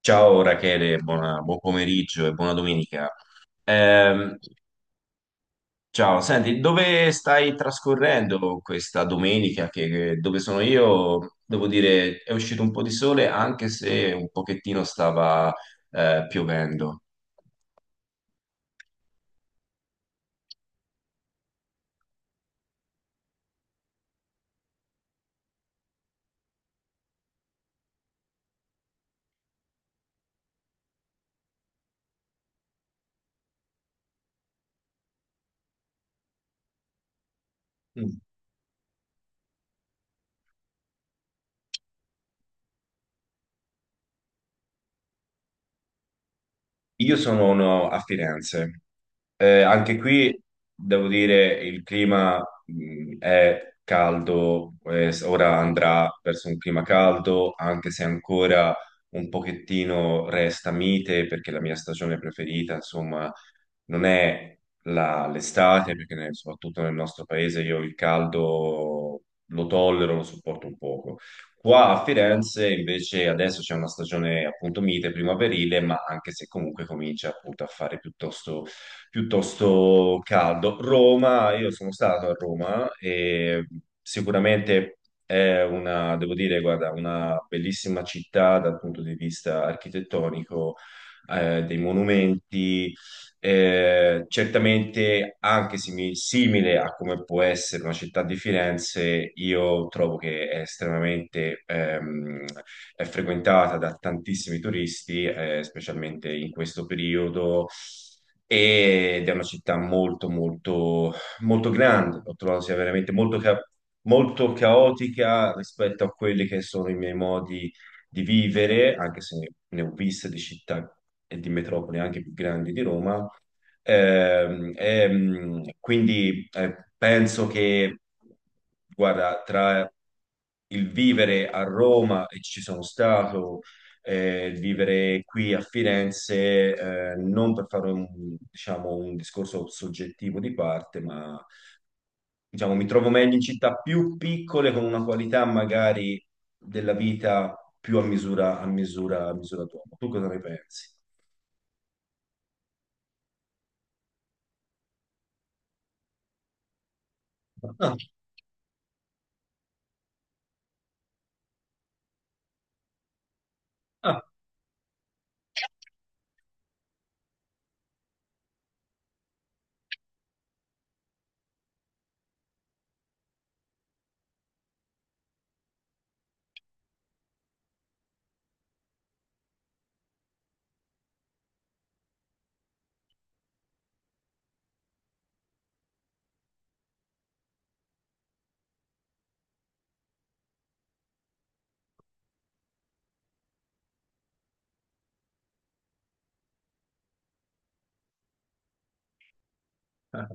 Ciao Rachele, buon pomeriggio e buona domenica. Ehm, ciao, senti, dove stai trascorrendo questa domenica? Dove sono io? Devo dire, è uscito un po' di sole, anche se un pochettino stava piovendo. Mm. Io sono no, a Firenze. Anche qui devo dire il clima è caldo, ora andrà verso un clima caldo, anche se ancora un pochettino resta mite, perché la mia stagione preferita, insomma, non è l'estate, perché soprattutto nel nostro paese io il caldo lo tollero, lo sopporto un poco. Qua a Firenze invece adesso c'è una stagione appunto mite, primaverile, ma anche se comunque comincia appunto a fare piuttosto caldo. Roma, io sono stato a Roma e sicuramente è una, devo dire, guarda, una bellissima città dal punto di vista architettonico, dei monumenti certamente, anche simile a come può essere una città di Firenze, io trovo che è estremamente è frequentata da tantissimi turisti, specialmente in questo periodo. Ed è una città molto, molto, molto grande. Ho trovato sia veramente molto, molto caotica rispetto a quelli che sono i miei modi di vivere, anche se ne ho viste di città e di metropoli anche più grandi di Roma. Quindi penso che, guarda, tra il vivere a Roma, e ci sono stato, il vivere qui a Firenze, non per fare un, diciamo, un discorso soggettivo di parte, ma diciamo, mi trovo meglio in città più piccole con una qualità magari della vita più a misura d'uomo. Tu cosa ne pensi? Ah, ah, ah.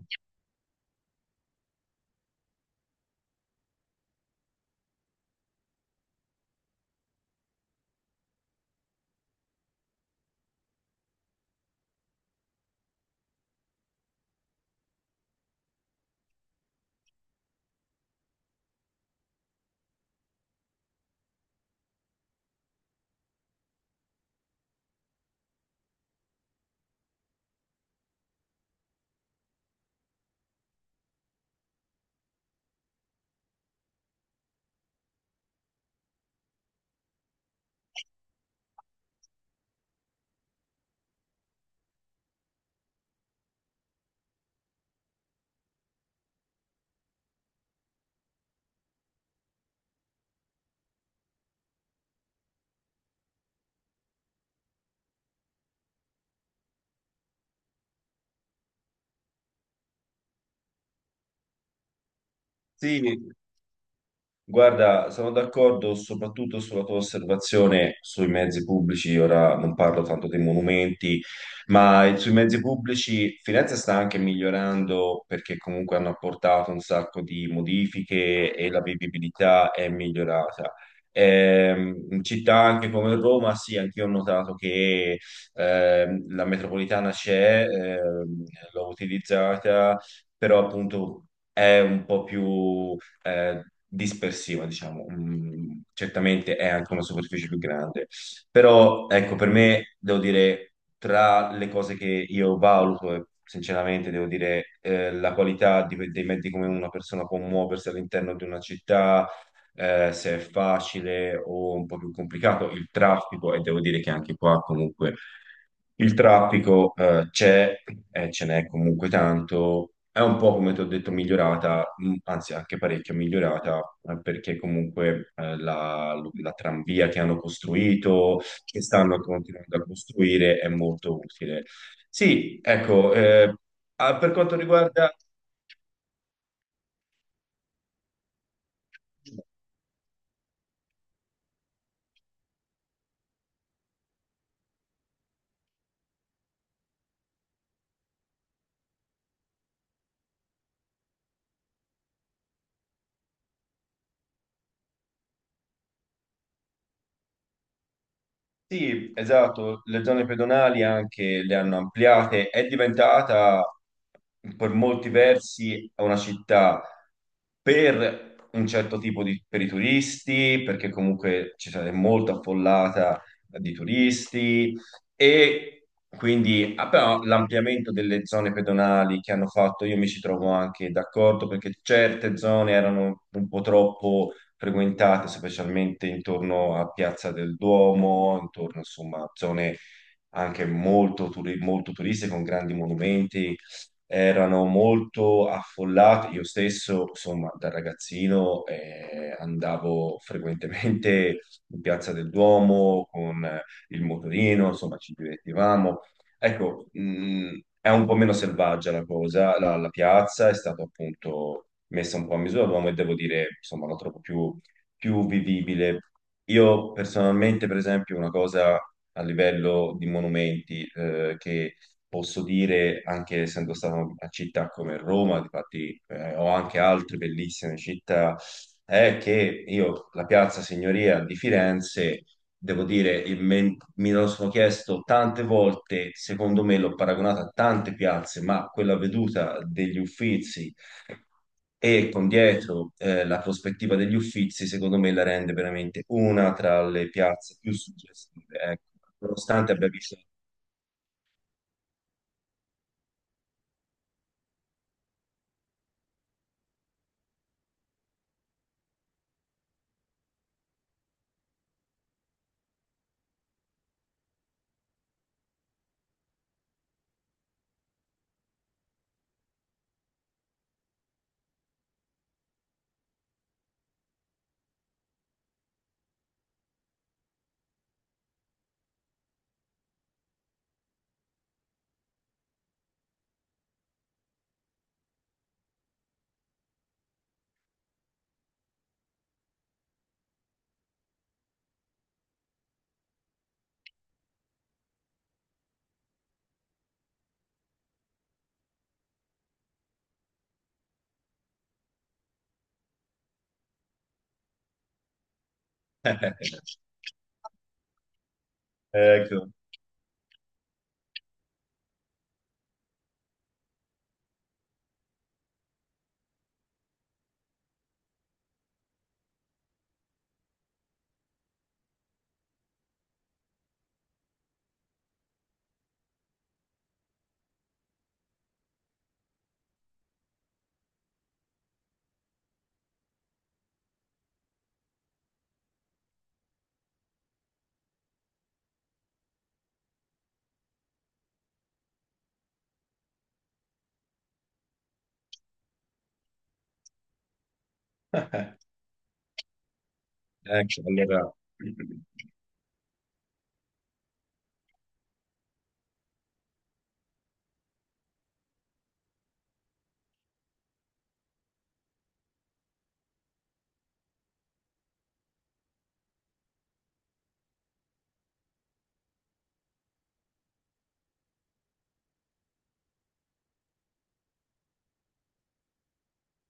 Sì, guarda, sono d'accordo soprattutto sulla tua osservazione sui mezzi pubblici, ora non parlo tanto dei monumenti, ma sui mezzi pubblici Firenze sta anche migliorando perché comunque hanno apportato un sacco di modifiche e la vivibilità è migliorata. In città anche come Roma, sì, anch'io ho notato che la metropolitana c'è, l'ho utilizzata, però appunto è un po' più dispersiva, diciamo. Mm, certamente è anche una superficie più grande, però ecco, per me devo dire tra le cose che io valuto e sinceramente, devo dire, la qualità dei mezzi come una persona può muoversi all'interno di una città, se è facile o un po' più complicato, il traffico, e devo dire che anche qua comunque il traffico c'è e ce n'è comunque tanto. È un po', come ti ho detto, migliorata, anzi anche parecchio migliorata, perché comunque la tranvia che hanno costruito, che stanno continuando a costruire, è molto utile. Sì, ecco, ah, per quanto riguarda sì, esatto, le zone pedonali anche le hanno ampliate, è diventata per molti versi una città per un certo tipo di, per i turisti, perché comunque ci sarà molto affollata di turisti e quindi ah, però l'ampliamento delle zone pedonali che hanno fatto, io mi ci trovo anche d'accordo perché certe zone erano un po' troppo frequentate, specialmente intorno a Piazza del Duomo, intorno insomma a zone anche molto, molto turiste con grandi monumenti, erano molto affollate. Io stesso, insomma, da ragazzino andavo frequentemente in Piazza del Duomo con il motorino, insomma, ci divertivamo. Ecco, è un po' meno selvaggia la cosa, la piazza è stata appunto messa un po' a misura d'uomo e devo dire, insomma, la trovo più vivibile. Io personalmente, per esempio, una cosa a livello di monumenti che posso dire, anche essendo stato in una città come Roma, infatti ho anche altre bellissime città, è che io la Piazza Signoria di Firenze, devo dire, mi lo sono chiesto tante volte, secondo me l'ho paragonata a tante piazze, ma quella veduta degli Uffizi e con dietro la prospettiva degli Uffizi, secondo me la rende veramente una tra le piazze più suggestive, ecco. Nonostante abbia visto... Ecco, ecco, allora...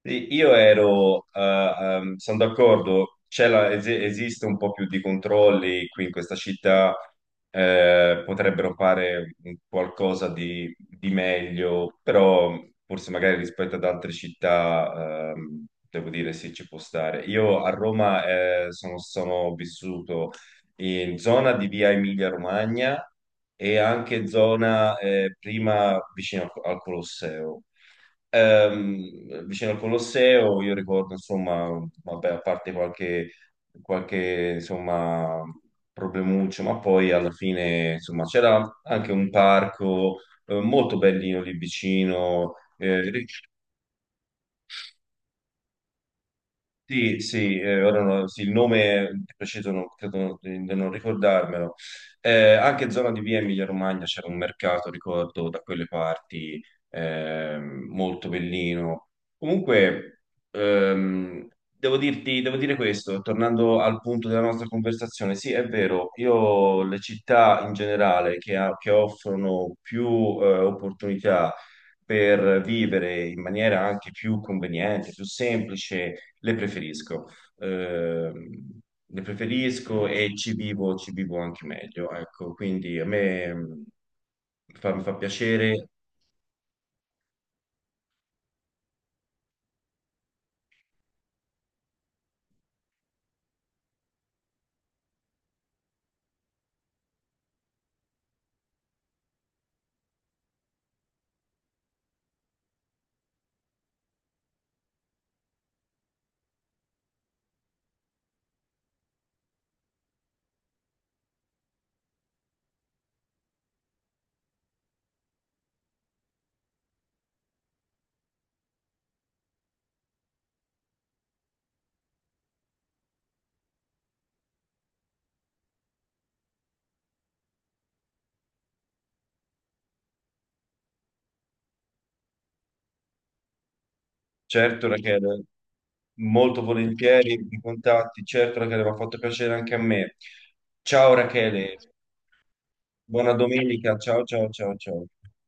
Sì, io ero, sono d'accordo, esiste un po' più di controlli qui in questa città, potrebbero fare un qualcosa di meglio, però forse magari rispetto ad altre città, devo dire sì, ci può stare. Io a Roma, sono vissuto in zona di via Emilia-Romagna e anche zona, prima vicino al Colosseo. Vicino al Colosseo, io ricordo, insomma, vabbè, qualche insomma, problemuccio, ma poi alla fine, insomma, c'era anche un parco molto bellino lì vicino. Eh, sì, sì, ora no- sì, il nome di preciso non, credo di non ricordarmelo. Anche zona di via Emilia-Romagna c'era un mercato, ricordo, da quelle parti, molto bellino. Comunque, ehm, devo dirti, devo dire questo, tornando al punto della nostra conversazione, sì, è vero, io le città in generale che, che offrono più, opportunità per vivere in maniera anche più conveniente, più semplice, le preferisco. Ehm, le preferisco e ci vivo anche meglio, ecco, quindi a me mi fa piacere, certo Rachele, molto volentieri i contatti, certo Rachele, mi ha fatto piacere anche a me. Ciao Rachele, buona domenica, ciao ciao ciao ciao.